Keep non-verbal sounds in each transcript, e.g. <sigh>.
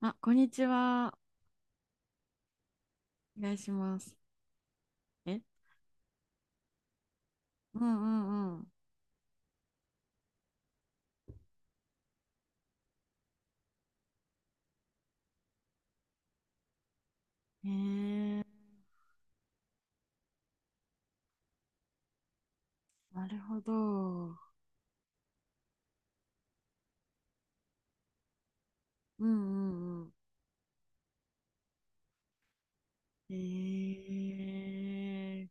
あ、こんにちは。お願いします。え、うんうんうん。へえ、なるほど。うんうんうん。へえ、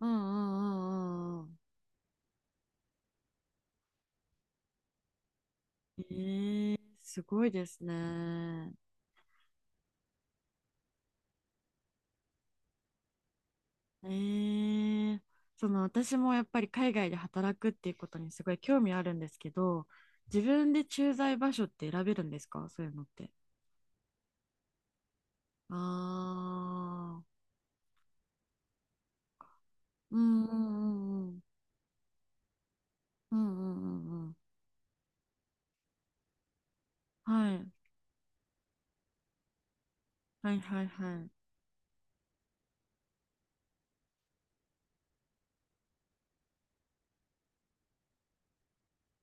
うんうんうんうんうん。へえ、すごいですね。へえ、その私もやっぱり海外で働くっていうことにすごい興味あるんですけど、自分で駐在場所って選べるんですか、そういうのって。ああ、うんうんうんうん。うんうんうんうん。はい。はいはいは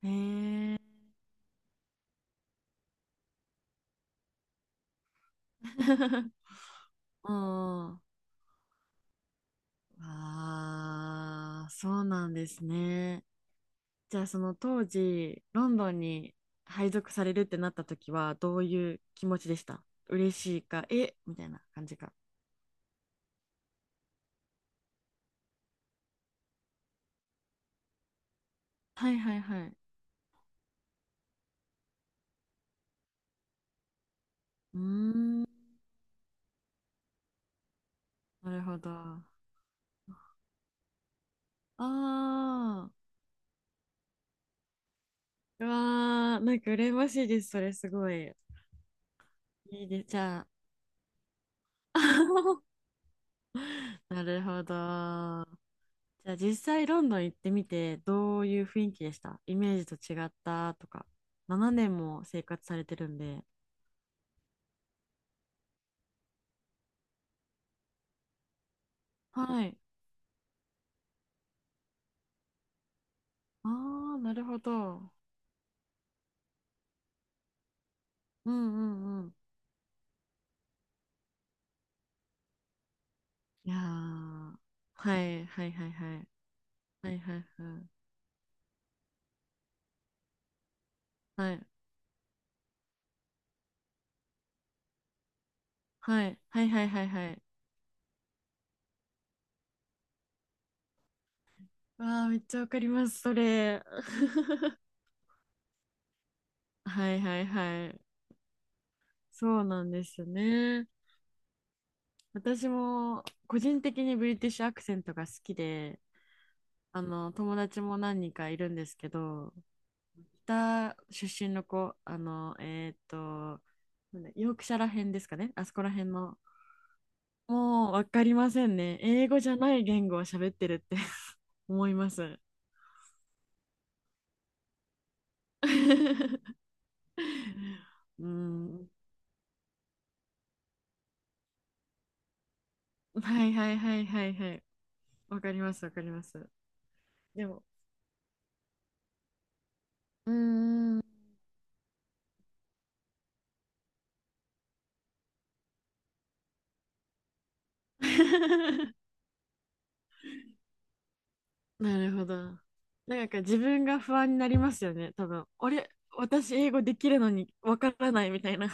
い。へえ。<laughs> うん。ああ、そうなんですね。じゃあその当時、ロンドンに配属されるってなった時は、どういう気持ちでした？嬉しいか、えみたいな感じか。はいはいはい。うーん、なるほど。ああ、うわー、なんか羨ましいです。それすごい。いいです。じゃあ。<laughs> なるほど。じゃあ実際ロンドン行ってみてどういう雰囲気でした？イメージと違ったとか。7年も生活されてるんで。はい。ああ、なるほど。うんうんうん。いやー。はいはいはいはい。はいはいはい。はいはいはいはいはいはい。わあ、めっちゃわかります、それ。<laughs> はいはいはい。そうなんですよね。私も個人的にブリティッシュアクセントが好きで、友達も何人かいるんですけど、北出身の子、なんだヨークシャら辺ですかね、あそこら辺の、もう分かりませんね。英語じゃない言語を喋ってるって <laughs> 思います。<laughs> うん、はいはいはいはいはい。わかりますわかります。でも、うーん。<laughs> なるほど。なんか自分が不安になりますよね、多分。あれ、私英語できるのにわからないみたいな。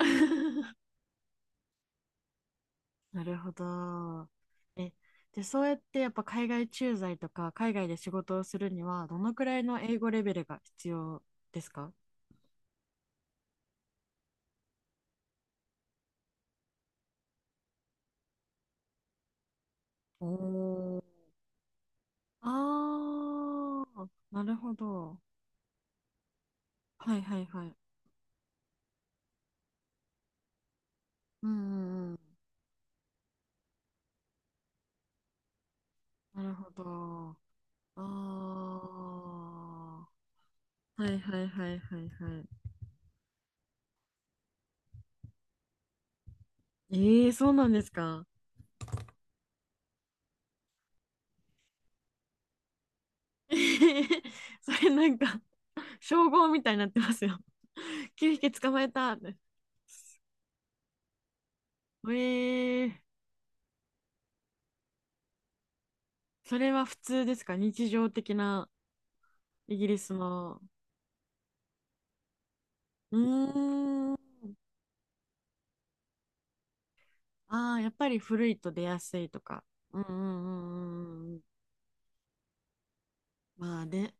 <laughs> なるほど。え、で、そうやってやっぱ海外駐在とか海外で仕事をするにはどのくらいの英語レベルが必要ですか？おー、ああ、なるほど。はいはいはい。うんうんうん。なるほど。ああ。はいはいはいはいはい。ええ、そうなんですか。<laughs> それなんか、称号みたいになってますよ。<laughs> 9匹捕まえたって。ええ、それは普通ですか？日常的な、イギリスの。うーん。ああ、やっぱり古いと出やすいとか。うんうんうんうんうん。まあね、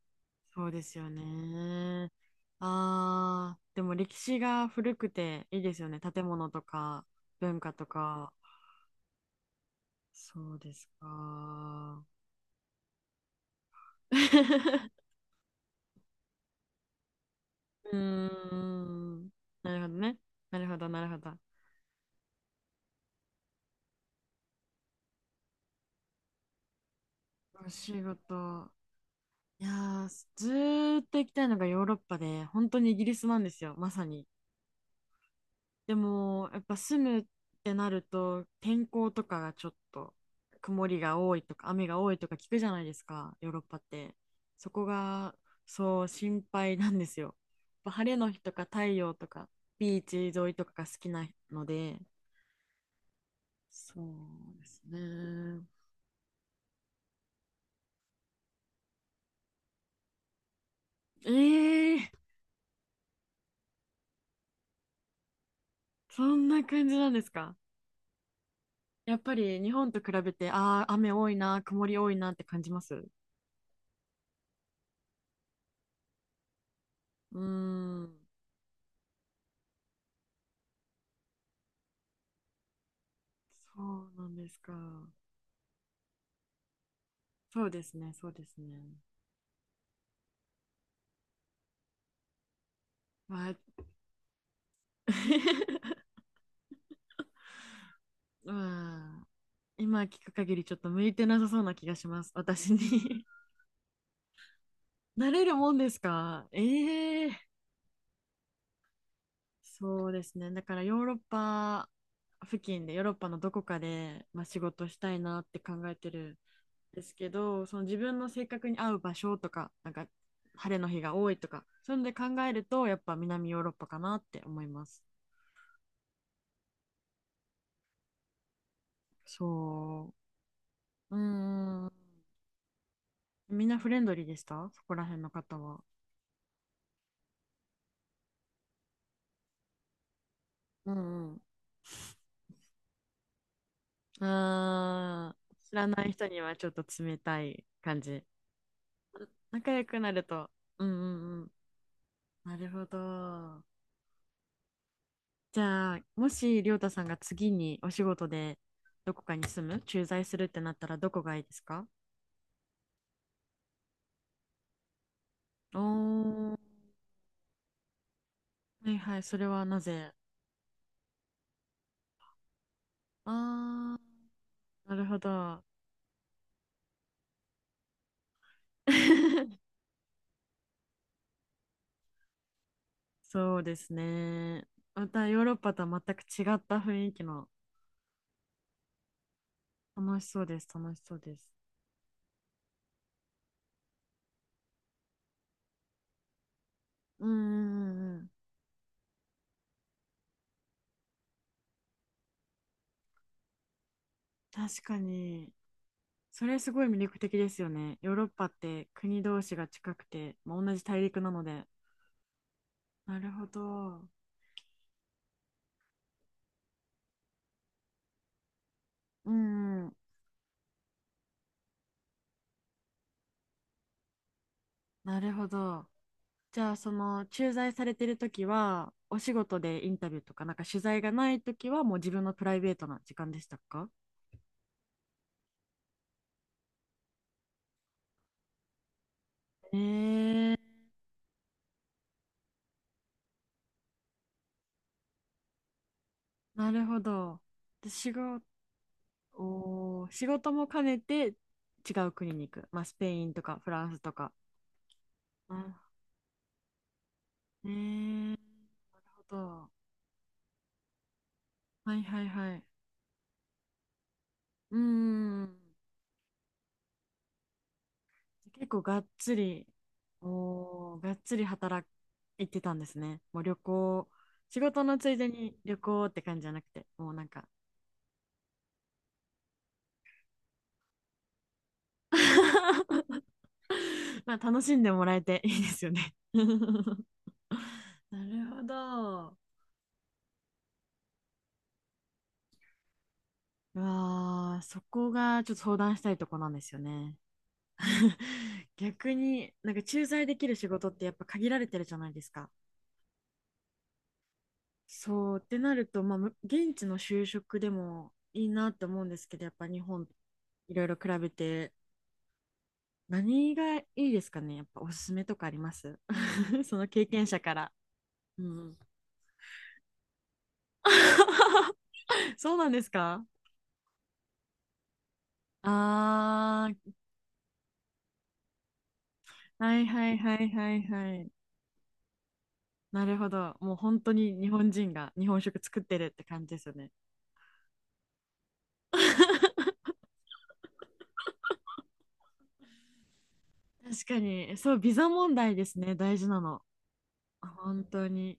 そうですよね。ああ、でも歴史が古くていいですよね。建物とか文化とか。そうですか。<laughs> うーん。なるほどね。なるほど、なるほど。お仕事。いやー、ずーっと行きたいのがヨーロッパで、本当にイギリスなんですよ、まさに。でも、やっぱ住むってなると、天候とかがちょっと、曇りが多いとか、雨が多いとか聞くじゃないですか、ヨーロッパって。そこが、そう、心配なんですよ。やっぱ晴れの日とか太陽とか、ビーチ沿いとかが好きなので、そうですね。ええー、そんな感じなんですか。やっぱり日本と比べて、ああ、雨多いな、曇り多いなって感じます。うーん、そうなんですか。そうですね、そうですね。まあ、<laughs> まあ今聞く限りちょっと向いてなさそうな気がします、私に <laughs> なれるもんですか。ええー、そうですね。だからヨーロッパ付近で、ヨーロッパのどこかで、まあ、仕事したいなって考えてる。ですけど、その自分の性格に合う場所とか、なんか晴れの日が多いとか、そういうので考えると、やっぱ南ヨーロッパかなって思います。そう。うーん。みんなフレンドリーでした？そこら辺の方は。うんうん。あー、知らない人にはちょっと冷たい感じ。仲良くなると。うんうんうん。なるほど。じゃあ、もし、りょうたさんが次にお仕事でどこかに住む、駐在するってなったらどこがいいですか？おー。はいはい、それはなぜ？あー、<laughs> なるほど。<laughs> そうですね。またヨーロッパとは全く違った雰囲気の、楽しそうです、楽しそうです。うんうんうんうん。確かに、それすごい魅力的ですよね。ヨーロッパって国同士が近くて、まあ、同じ大陸なので。なるほど。うんうん、なるほど。じゃあその駐在されてる時はお仕事でインタビューとかなんか取材がない時はもう自分のプライベートな時間でしたか？えー、なるほど。で仕事、おー、仕事も兼ねて違う国に行く。まあスペインとかフランスとか。あ、えー、なるほど。はいはいはい。うーん。結構がっつり、おー、がっつり働いてたんですね。もう旅行、仕事のついでに旅行って感じじゃなくて、もうなんか <laughs> まあ楽しんでもらえていいですよね <laughs> なるほど。うわあ、そこがちょっと相談したいとこなんですよね。<laughs> 逆になんか駐在できる仕事ってやっぱ限られてるじゃないですか。そうってなると、まあ、む現地の就職でもいいなって思うんですけど、やっぱ日本いろいろ比べて、何がいいですかね？やっぱおすすめとかあります？ <laughs> その経験者から。うん。<laughs> そうなんですか？あー、はいはいはいはいはい。なるほど。もう本当に日本人が日本食作ってるって感じですよね。確かに、そう、ビザ問題ですね、大事なの。本当に。